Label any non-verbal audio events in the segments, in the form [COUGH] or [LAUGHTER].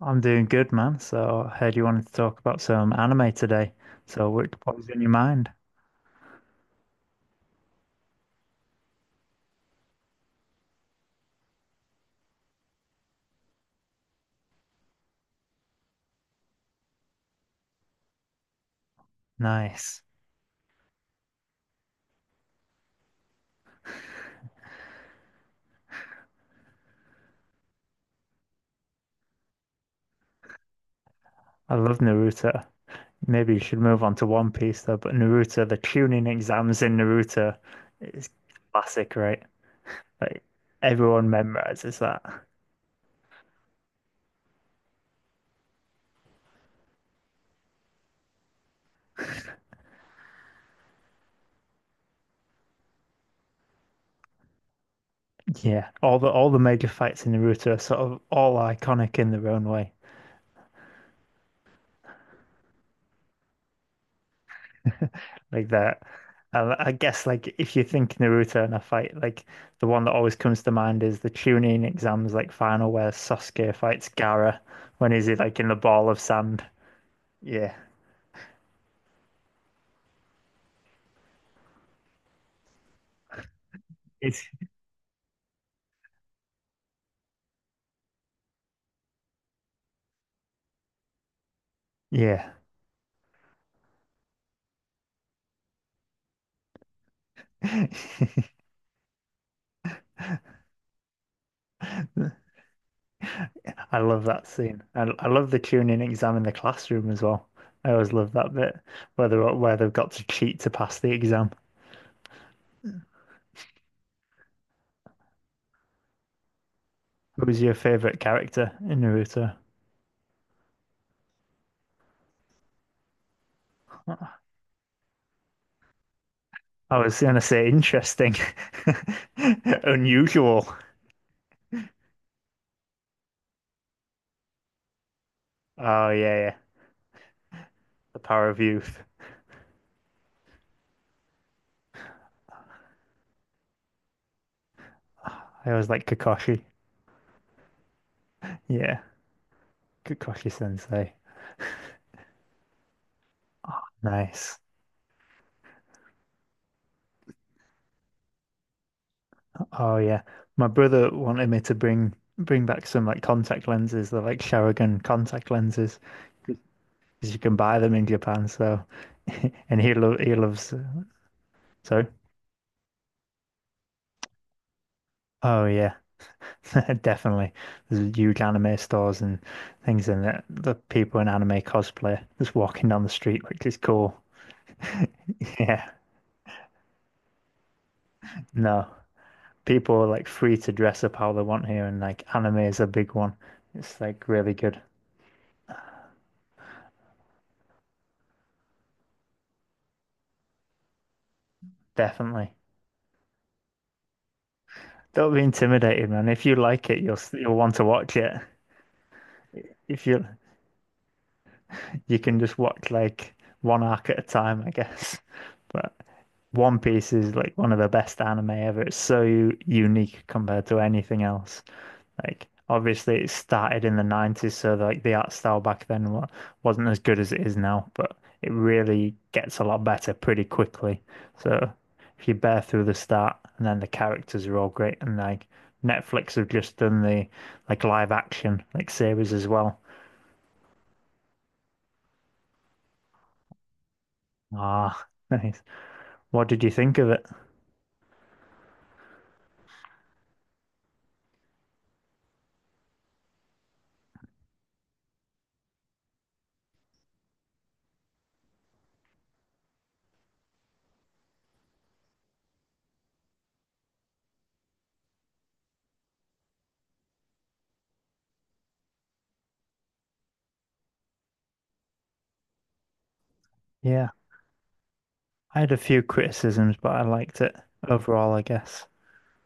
I'm doing good, man. So I heard you wanted to talk about some anime today. So what was in your mind? Nice. I love Naruto. Maybe you should move on to One Piece though, but Naruto, the tuning exams in Naruto is classic, right? Like everyone memorizes that. Yeah. All the major fights in Naruto are sort of all iconic in their own way. Like that. I guess like if you think Naruto and a fight, like the one that always comes to mind is the Chunin exams like final where Sasuke fights Gaara when he's like in the ball of sand. Yeah. It's Yeah. [LAUGHS] I love that scene. I love the Chunin exam in the classroom as well. I always love that bit where they've got to cheat to pass the exam. Who's your favorite character in Naruto? I was gonna say interesting, [LAUGHS] unusual. Oh yeah, yeah. The power of youth. [SIGHS] I always like Kakashi. Yeah, Kakashi Sensei. Nice. Oh yeah. My brother wanted me to bring back some like contact lenses. They're like Sharingan contact lenses because you can buy them in Japan. So, [LAUGHS] and he loves. Sorry. Oh yeah, [LAUGHS] definitely. There's huge anime stores and things in it. The people in anime cosplay just walking down the street, which is cool. [LAUGHS] Yeah. No. People are like free to dress up how they want here, and like anime is a big one. It's like really good, definitely. Don't be intimidated, man. If you like it, you'll want to watch it. If you can just watch like one arc at a time, I guess. [LAUGHS] But One Piece is like one of the best anime ever. It's so unique compared to anything else. Like obviously it started in the 90s, so like the art style back then wasn't as good as it is now, but it really gets a lot better pretty quickly. So if you bear through the start and then the characters are all great and like Netflix have just done the like live action like series as well. Ah, [LAUGHS] nice. What did you think of it? Yeah, I had a few criticisms, but I liked it overall, I guess.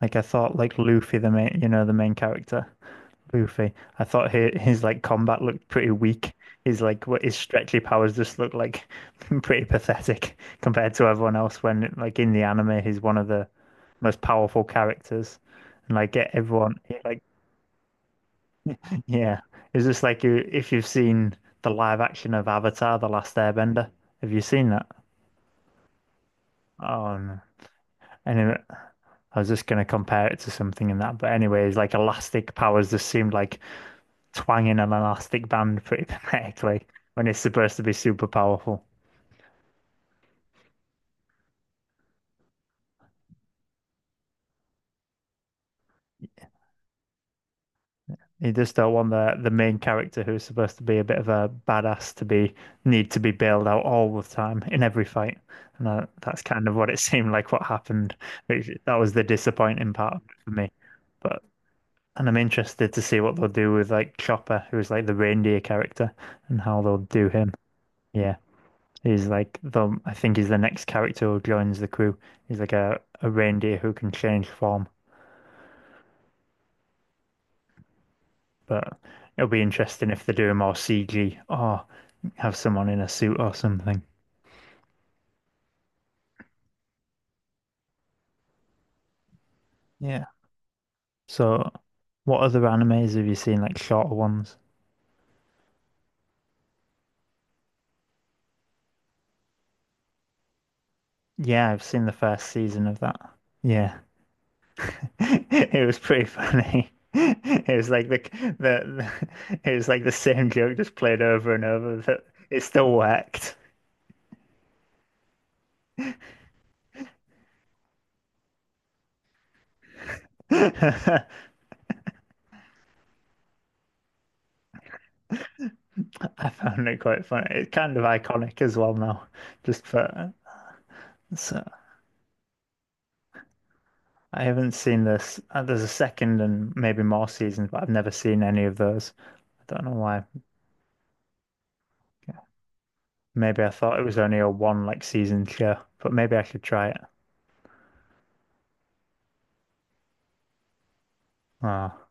Like I thought like Luffy the main, the main character. Poofy. I thought his like combat looked pretty weak. His like what his stretchy powers just look like [LAUGHS] pretty pathetic compared to everyone else. When like in the anime, he's one of the most powerful characters, and like get everyone like [LAUGHS] yeah. It's just like you if you've seen the live action of Avatar: The Last Airbender. Have you seen that? Oh no. Anyway, I was just gonna compare it to something in that, but anyways, like elastic powers just seemed like twanging an elastic band pretty pathetically when it's supposed to be super powerful. You just don't want the main character who's supposed to be a bit of a badass to be need to be bailed out all the time in every fight, and that's kind of what it [LAUGHS] seemed like what happened. Which that was the disappointing part for me. But and I'm interested to see what they'll do with like Chopper, who's like the reindeer character, and how they'll do him. Yeah. I think he's the next character who joins the crew. He's like a reindeer who can change form. But it'll be interesting if they do more CG or have someone in a suit or something. Yeah. So, what other animes have you seen, like shorter ones? Yeah, I've seen the first season of that. Yeah. [LAUGHS] It was pretty funny. [LAUGHS] It was like the, [LAUGHS] the it was like the same joke just played over and over that it still worked. [LAUGHS] I found it quite funny. It's kind of iconic as well now, just for, so I haven't seen this. There's a second and maybe more seasons, but I've never seen any of those. I don't know why. Maybe I thought it was only a one like season show, but maybe I should try it. Oh,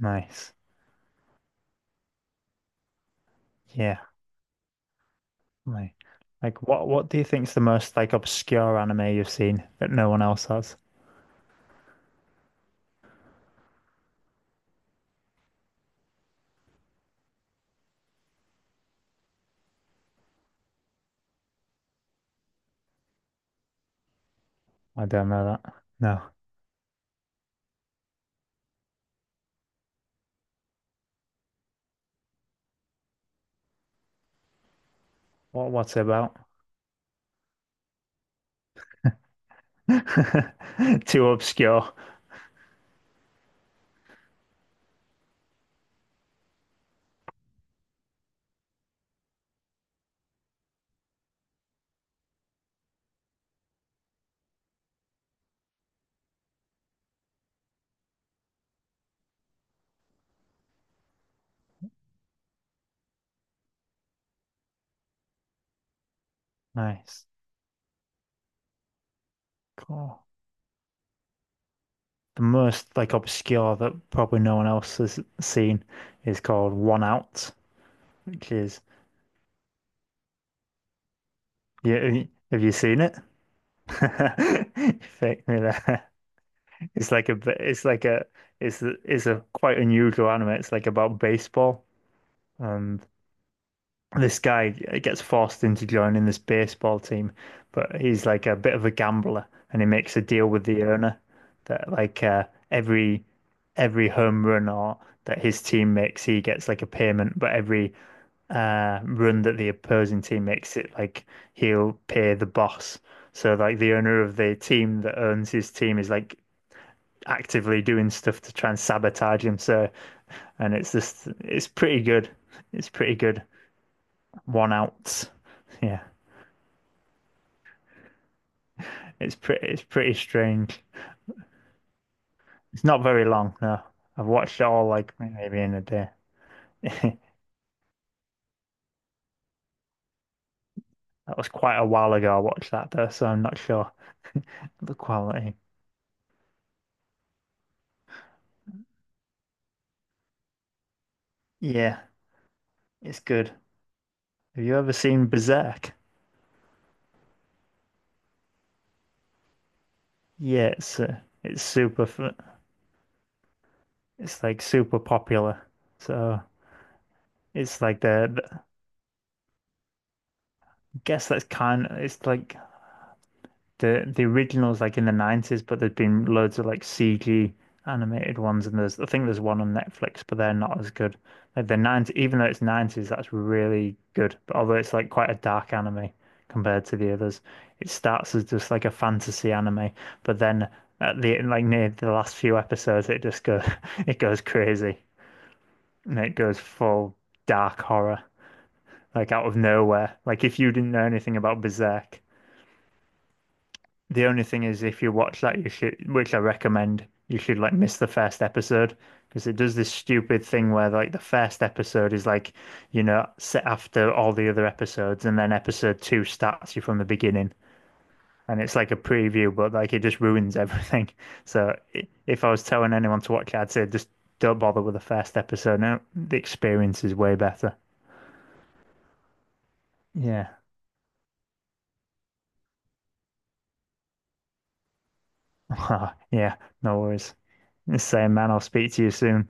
nice. Yeah, like, like what do you think's the most like obscure anime you've seen that no one else has? I don't know that. No. What's it about? [LAUGHS] Too obscure. Nice. Cool. The most like obscure that probably no one else has seen is called One Out, which is, yeah. Have you seen it? [LAUGHS] You faked me there. It's like a b- it's like a it's a quite unusual anime. It's like about baseball, and this guy gets forced into joining this baseball team, but he's like a bit of a gambler, and he makes a deal with the owner that like every every home run or that his team makes, he gets like a payment, but every run that the opposing team makes, it like he'll pay the boss. So like the owner of the team that owns his team is like actively doing stuff to try and sabotage him. So and it's pretty good. It's pretty good. One out. Yeah. It's pretty strange. It's not very long, no. I've watched it all like maybe in a day. [LAUGHS] That was quite a while ago I watched that though, so I'm not sure the quality. Yeah, it's good. Have you ever seen Berserk? Yeah, it's super f- it's like super popular. So it's like the I guess that's kind of it's like the originals like in the 90s, but there's been loads of like CG animated ones, and there's I think there's one on Netflix, but they're not as good. Like the 90s, even though it's 90s, that's really good. But although it's like quite a dark anime compared to the others, it starts as just like a fantasy anime, but then at the like near the last few episodes, it just goes [LAUGHS] it goes crazy and it goes full dark horror. Like out of nowhere. Like if you didn't know anything about Berserk, the only thing is, if you watch that, you should, which I recommend, you should like miss the first episode because it does this stupid thing where like the first episode is like, set after all the other episodes, and then episode two starts you from the beginning, and it's like a preview, but like it just ruins [LAUGHS] everything. So if I was telling anyone to watch it, I'd say just don't bother with the first episode. No, the experience is way better. Yeah, [LAUGHS] yeah, no worries. Same man. I'll speak to you soon.